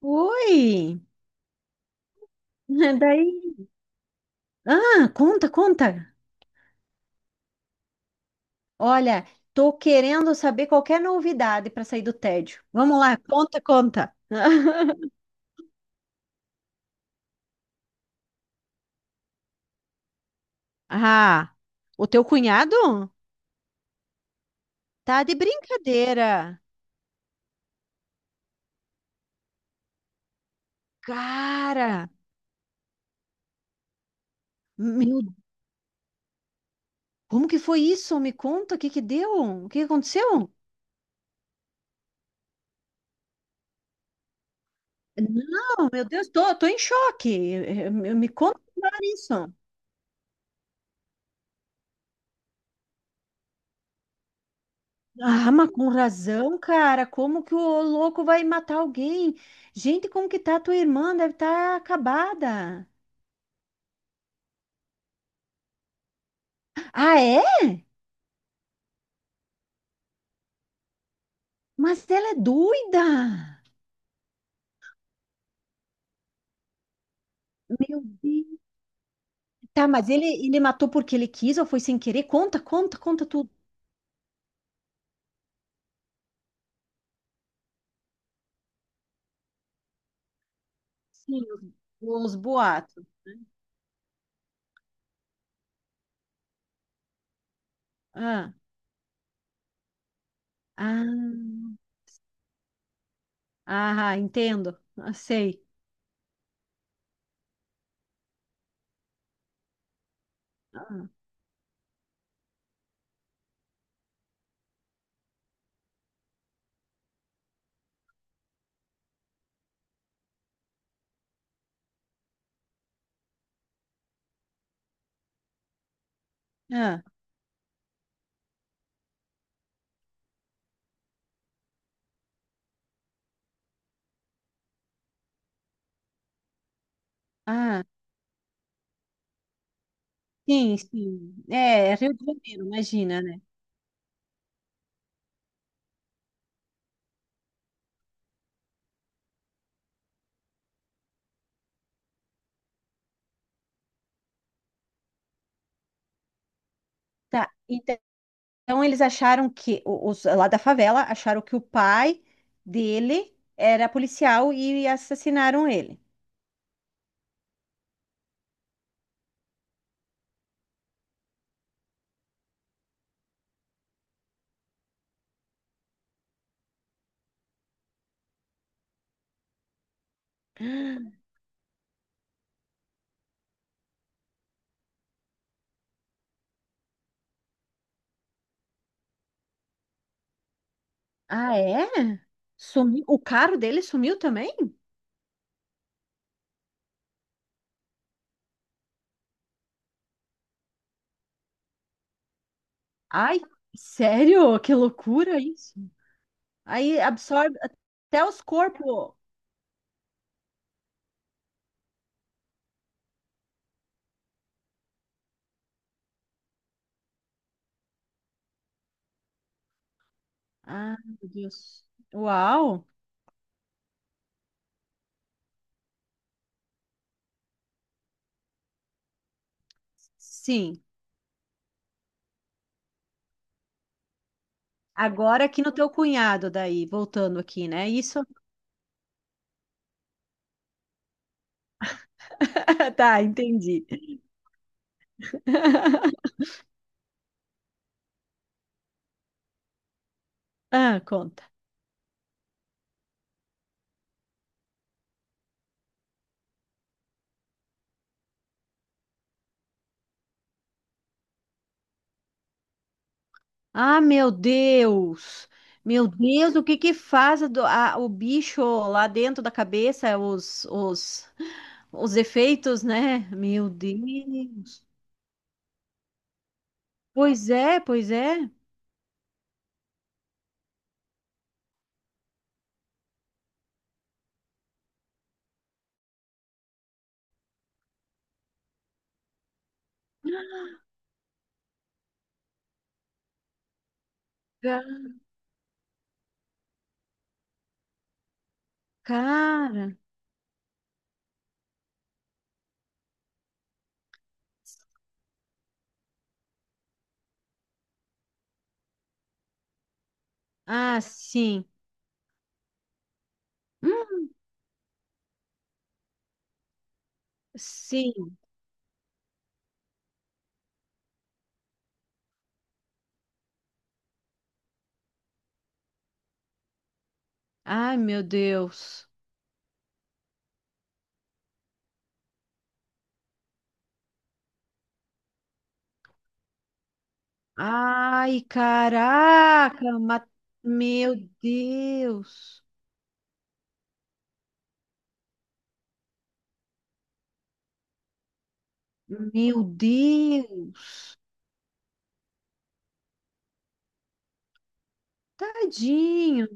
Oi! Daí. Ah, conta, conta. Olha, tô querendo saber qualquer novidade para sair do tédio. Vamos lá, conta, conta. Ah, o teu cunhado? Tá de brincadeira. Cara, meu, como que foi isso? Me conta, o que que deu? O que que aconteceu? Não, meu Deus, tô, tô em choque. Me conta mais isso. Ah, mas com razão, cara. Como que o louco vai matar alguém? Gente, como que tá a tua irmã? Deve estar acabada. Ah, é? Mas ela é doida. Meu Deus. Tá, mas ele matou porque ele quis ou foi sem querer? Conta, conta, conta tudo. Sim, os boatos. Ah, ah, entendo. Ah, sei. Ah, ah, ah. Sim, sim. É, Rio de Janeiro, imagina, né? Tá, então eles acharam que o- os lá da favela acharam que o pai dele era policial e assassinaram ele. Ah, é? Sumiu. O carro dele sumiu também? Ai, sério? Que loucura isso. Aí absorve até os corpos. Ah, meu Deus. Uau. Sim. Agora aqui no teu cunhado daí, voltando aqui, né? Isso. Tá, entendi. Ah, conta. Ah, meu Deus! Meu Deus, o que que faz a do- a- o bicho lá dentro da cabeça, os efeitos, né? Meu Deus! Pois é, pois é. Ga- cara, ah, sim. Hum, sim. Ai, meu Deus. Ai, caraca, ma- meu Deus. Meu Deus. Tadinho.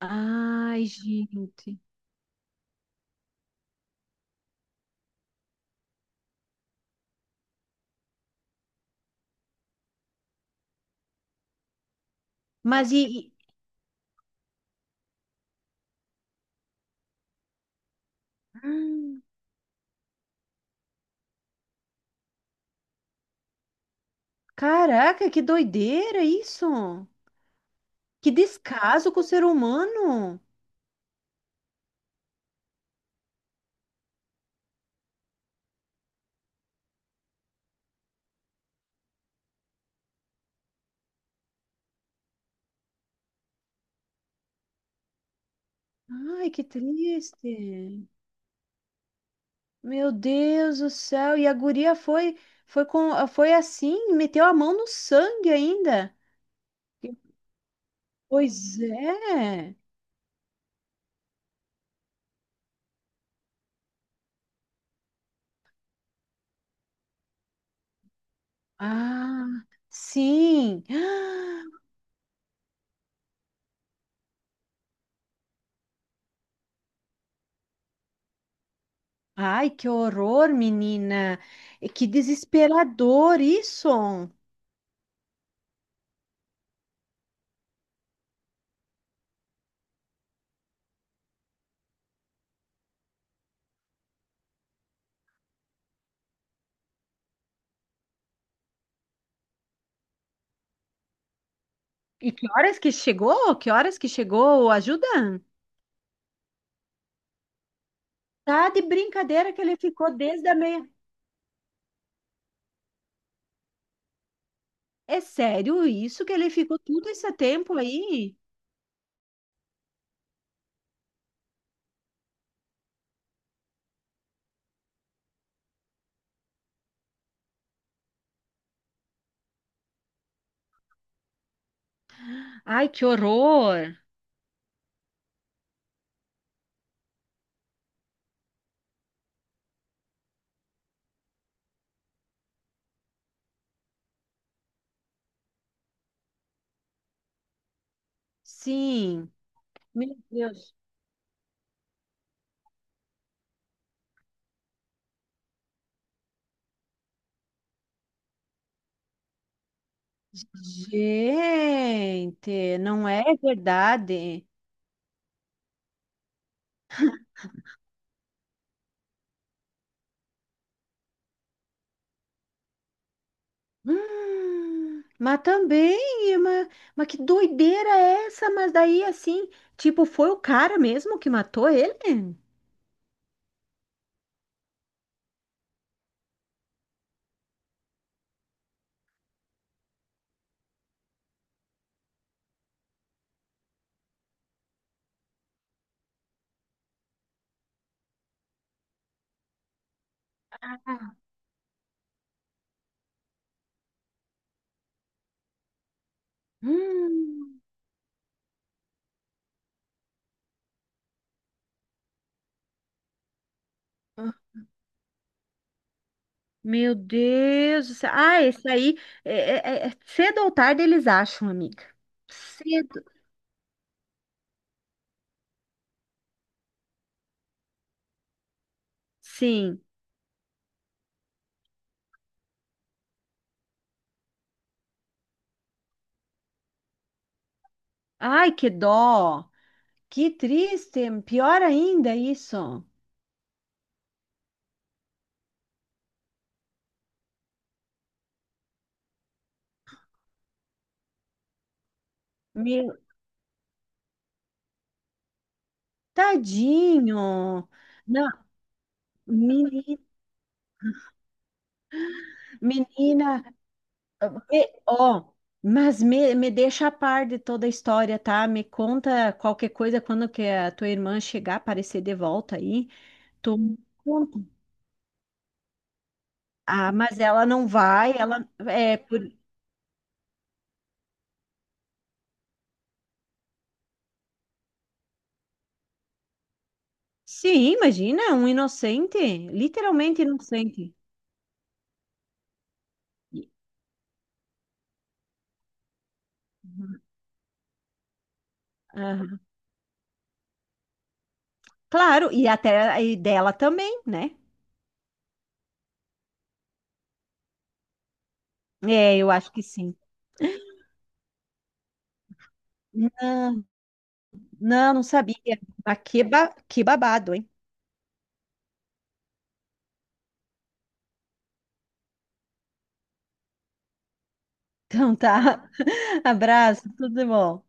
Ai, gente. Mas e- caraca, que doideira isso! Que descaso com o ser humano! Ai, que triste! Meu Deus do céu! E a guria foi foi com foi assim, meteu a mão no sangue ainda. Pois é. Ah, sim. Ai, que horror, menina. E que desesperador isso. E que horas que chegou? Que horas que chegou? A ajuda? Tá de brincadeira que ele ficou desde a meia. É sério isso que ele ficou todo esse tempo aí? Ai, que horror! Sim, meu Deus. Gente, não é verdade. Mas também, mas que doideira é essa? Mas daí, assim, tipo, foi o cara mesmo que matou ele? Hum, Meu Deus do céu. Ah, esse aí, é, é- é- é cedo ou tarde eles acham, amiga. Cedo. Sim. Ai, que dó. Que triste. Pior ainda isso. Meu, tadinho. Não, menina, menina, me- ó, mas me deixa a par de toda a história, tá? Me conta qualquer coisa quando que a tua irmã chegar, aparecer de volta aí. Tu me conta. Ah, mas ela não vai, ela é por sim, imagina, um inocente, literalmente inocente. E- aham. Claro, e até e dela também, né? É, eu acho que sim. Não, não, não sabia. Mas que, ba- que babado, hein? Então tá. Abraço, tudo de bom.